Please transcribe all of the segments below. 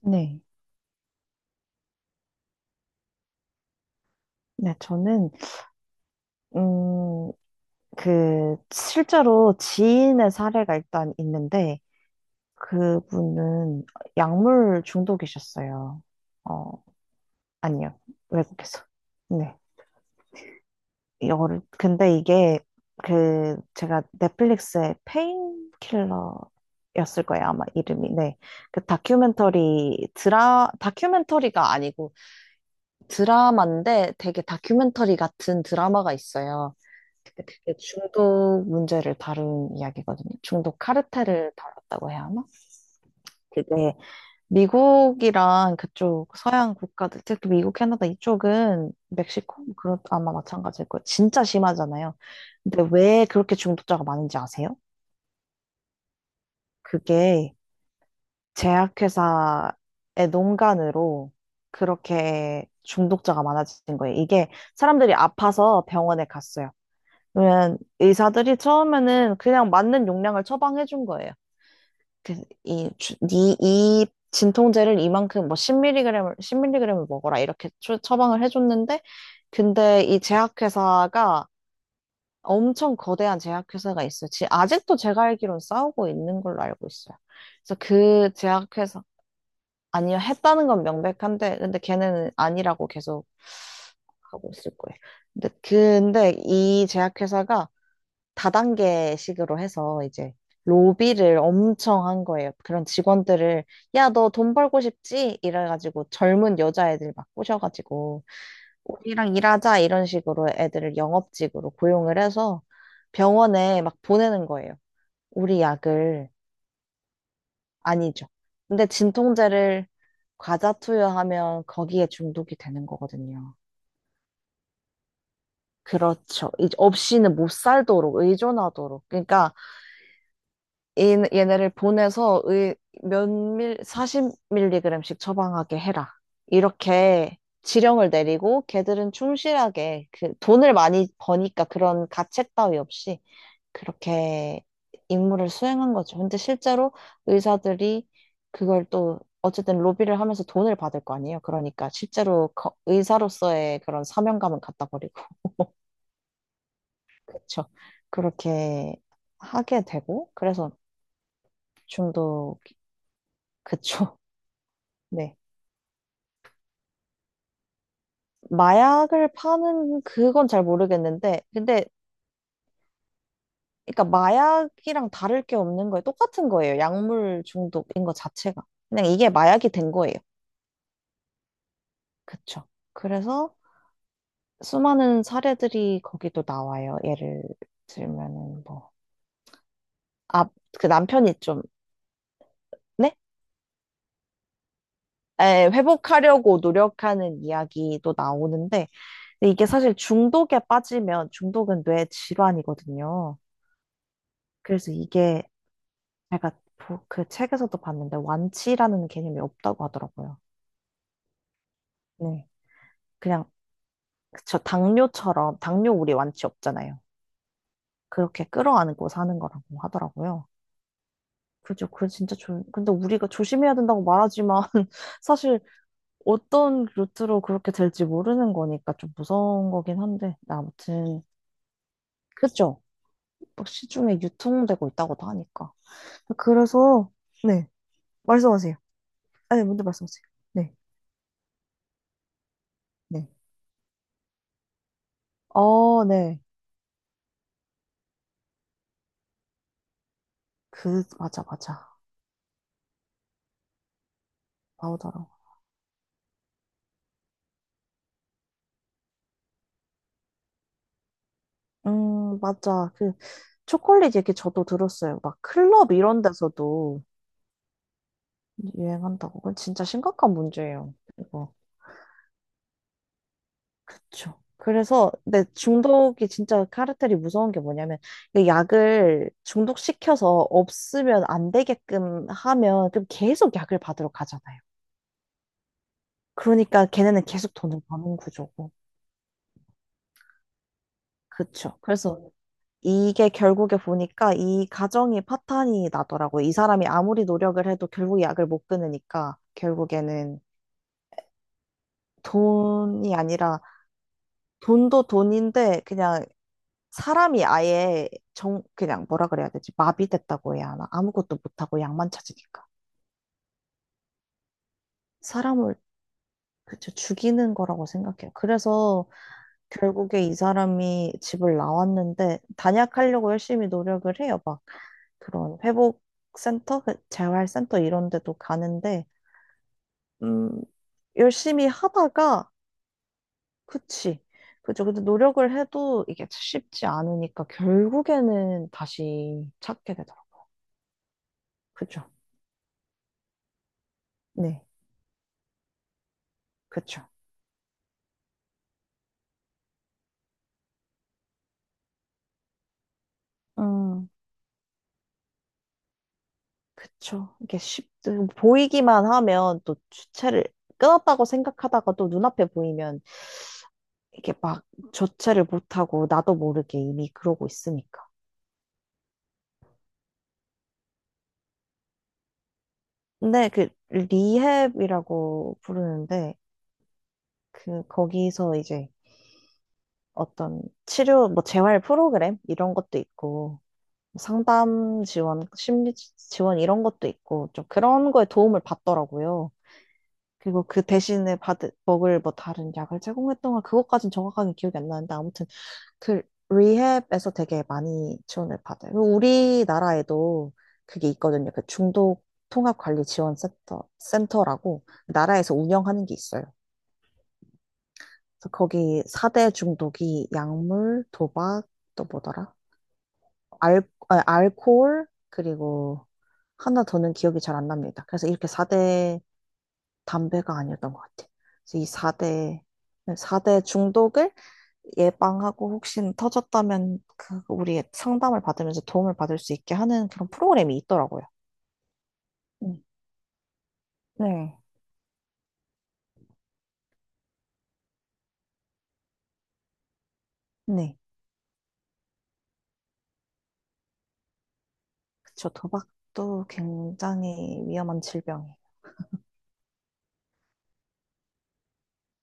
네. 네, 저는, 음, 그, 실제로 지인의 사례가 일단 있는데, 그분은 약물 중독이셨어요. 어, 아니요. 외국에서. 네. 이거를, 근데 이게, 그, 제가 넷플릭스의 페인킬러였을 거예요. 아마 이름이. 네. 그 다큐멘터리, 다큐멘터리가 아니고 드라마인데 되게 다큐멘터리 같은 드라마가 있어요. 그게 중독 문제를 다룬 이야기거든요. 중독 카르텔을 다뤘다고 해야 하나? 그게 미국이랑 그쪽 서양 국가들, 특히 미국, 캐나다 이쪽은 멕시코? 그런 아마 마찬가지일 거예요. 진짜 심하잖아요. 근데 왜 그렇게 중독자가 많은지 아세요? 그게 제약회사의 농간으로 그렇게 중독자가 많아진 거예요. 이게 사람들이 아파서 병원에 갔어요. 그러면 의사들이 처음에는 그냥 맞는 용량을 처방해 준 거예요. 그, 이, 이 진통제를 이만큼 뭐 10mg을, 밀리그램을 먹어라 이렇게 처방을 해줬는데, 근데 이 제약회사가 엄청 거대한 제약회사가 있어요. 아직도 제가 알기론 싸우고 있는 걸로 알고 있어요. 그래서 그 제약회사, 아니요, 했다는 건 명백한데, 근데 걔는 아니라고 계속 하고 있을 거예요. 근데 이 제약회사가 다단계식으로 해서 이제 로비를 엄청 한 거예요. 그런 직원들을 야, 너 돈 벌고 싶지? 이래가지고 젊은 여자애들 막 꼬셔가지고 우리랑 일하자 이런 식으로 애들을 영업직으로 고용을 해서 병원에 막 보내는 거예요. 우리 약을 아니죠. 근데 진통제를 과자 투여하면 거기에 중독이 되는 거거든요. 그렇죠. 없이는 못 살도록 의존하도록. 그러니까 얘네를 보내서 40mg씩 처방하게 해라. 이렇게 지령을 내리고 걔들은 충실하게 그 돈을 많이 버니까 그런 가책 따위 없이 그렇게 임무를 수행한 거죠. 근데 실제로 의사들이 그걸 또 어쨌든 로비를 하면서 돈을 받을 거 아니에요. 그러니까 실제로 의사로서의 그런 사명감은 갖다 버리고 그렇죠. 그렇게 하게 되고 그래서 중독 그쵸. 네. 마약을 파는 그건 잘 모르겠는데, 근데 그러니까 마약이랑 다를 게 없는 거예요. 똑같은 거예요. 약물 중독인 것 자체가. 그냥 이게 마약이 된 거예요. 그쵸. 그래서 수많은 사례들이 거기도 나와요. 예를 들면은 뭐, 아, 그 남편이 좀, 네? 에, 회복하려고 노력하는 이야기도 나오는데, 근데 이게 사실 중독에 빠지면 중독은 뇌 질환이거든요. 그래서 이게 제가 그 책에서도 봤는데 완치라는 개념이 없다고 하더라고요. 네. 그냥 저 당뇨처럼 당뇨 우리 완치 없잖아요. 그렇게 끌어안고 사는 거라고 하더라고요. 그죠? 그 진짜 근데 우리가 조심해야 된다고 말하지만 사실 어떤 루트로 그렇게 될지 모르는 거니까 좀 무서운 거긴 한데 아무튼 그죠? 막 시중에 유통되고 있다고도 하니까. 그래서 네. 말씀하세요. 아니, 먼저 말씀하세요. 네. 네. 어, 네. 그, 맞아, 맞아. 나오더라고. 맞아. 그, 초콜릿 얘기 저도 들었어요. 막 클럽 이런 데서도 유행한다고. 그건 진짜 심각한 문제예요. 이거. 그쵸. 그래서, 근데 중독이 진짜 카르텔이 무서운 게 뭐냐면, 이 약을 중독시켜서 없으면 안 되게끔 하면, 그럼 계속 약을 받으러 가잖아요. 그러니까 걔네는 계속 돈을 버는 구조고. 그쵸. 그래서 이게 결국에 보니까 이 가정이 파탄이 나더라고요. 이 사람이 아무리 노력을 해도 결국 약을 못 끊으니까 결국에는 돈이 아니라 돈도 돈인데 그냥 사람이 아예 그냥 뭐라 그래야 되지? 마비됐다고 해야 하나? 아무것도 못하고 약만 찾으니까. 사람을 그쵸, 죽이는 거라고 생각해요. 그래서 결국에 이 사람이 집을 나왔는데 단약하려고 열심히 노력을 해요. 막 그런 회복센터, 그 재활센터 이런 데도 가는데 음, 열심히 하다가 그치. 그죠. 근데 노력을 해도 이게 쉽지 않으니까 결국에는 다시 찾게 되더라고. 그죠. 네. 그쵸. 음, 그쵸. 이게 보이기만 하면 또 주체를 끊었다고 생각하다가 또 눈앞에 보이면 이게 막 조체를 못하고 나도 모르게 이미 그러고 있으니까. 근데 그 리헵이라고 부르는데 그 거기서 이제 어떤 치료 뭐 재활 프로그램 이런 것도 있고 상담 지원, 심리 지원 이런 것도 있고 좀 그런 거에 도움을 받더라고요. 그리고 그 대신에 받을 먹을 뭐 다른 약을 제공했던 건 그것까진 정확하게 기억이 안 나는데 아무튼 그 리헵에서 되게 많이 지원을 받아요. 그리고 우리나라에도 그게 있거든요. 그 중독 통합 관리 지원 센터 센터라고 나라에서 운영하는 게 있어요. 그래서 거기 4대 중독이 약물, 도박, 또 뭐더라? 알, 알코올 그리고 하나 더는 기억이 잘 안 납니다. 그래서 이렇게 사대 담배가 아니었던 것 같아. 그래서 이 4대, 사대 중독을 예방하고 혹시 터졌다면 그 우리의 상담을 받으면서 도움을 받을 수 있게 하는 그런 프로그램이 있더라고요. 음, 네. 네. 그쵸. 도박도 굉장히 위험한 질병이에요.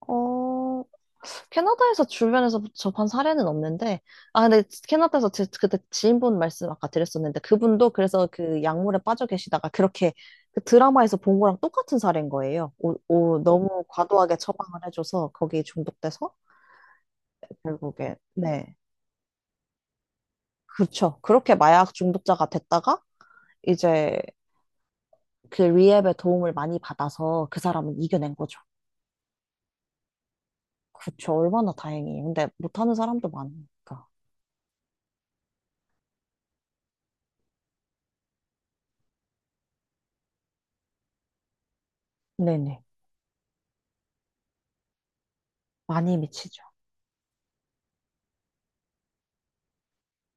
어, 캐나다에서 주변에서 접한 사례는 없는데, 아, 근데 캐나다에서 그때 지인분 말씀 아까 드렸었는데, 그분도 그래서 그 약물에 빠져 계시다가 그렇게 그 드라마에서 본 거랑 똑같은 사례인 거예요. 오, 오, 너무 과도하게 처방을 해줘서 거기 중독돼서 결국에, 네. 그렇죠. 그렇게 마약 중독자가 됐다가 이제 그 리앱의 도움을 많이 받아서 그 사람은 이겨낸 거죠. 그렇죠. 얼마나 다행이에요. 근데 못하는 사람도 많으니까. 네네. 많이 미치죠.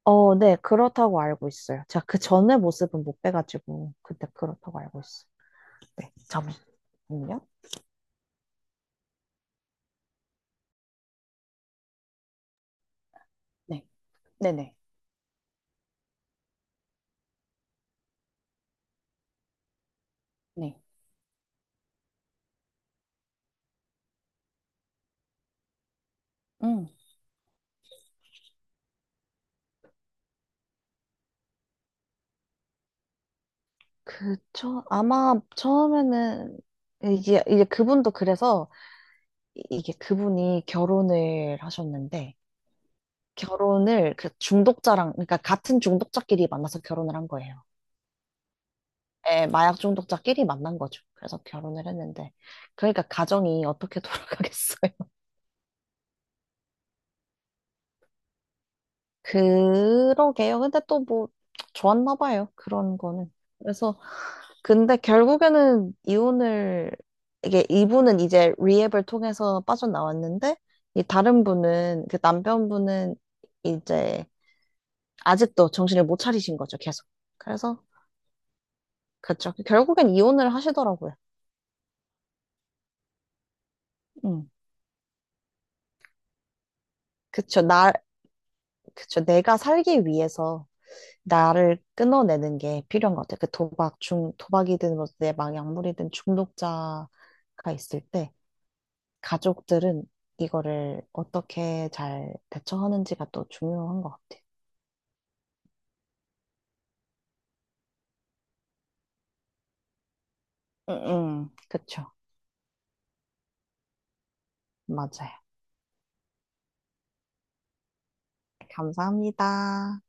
어, 네, 그렇다고 알고 있어요. 제가 그 전의 모습은 못 빼가지고, 그때 그렇다고 알고 있어요. 네, 잠시만요. 네, 네네. 네. 음, 아마 처음에는, 이게, 이제 그분도 그래서, 이게 그분이 결혼을 하셨는데, 결혼을 그 중독자랑, 그러니까 같은 중독자끼리 만나서 결혼을 한 거예요. 예, 마약 중독자끼리 만난 거죠. 그래서 결혼을 했는데, 그러니까 가정이 어떻게 돌아가겠어. 그러게요. 근데 또 뭐, 좋았나 봐요. 그런 거는. 그래서, 근데 결국에는 이혼을, 이게 이분은 이제 리앱을 통해서 빠져나왔는데, 이 다른 분은, 그 남편분은 이제 아직도 정신을 못 차리신 거죠, 계속. 그래서, 그쵸. 결국엔 이혼을 하시더라고요. 음. 그쵸. 나, 그쵸. 내가 살기 위해서. 나를 끊어내는 게 필요한 것 같아. 그 도박, 중, 도박이든 뭐 내 막약물이든 중독자가 있을 때 가족들은 이거를 어떻게 잘 대처하는지가 또 중요한 것 같아. 응, 응. 그쵸? 맞아요. 감사합니다.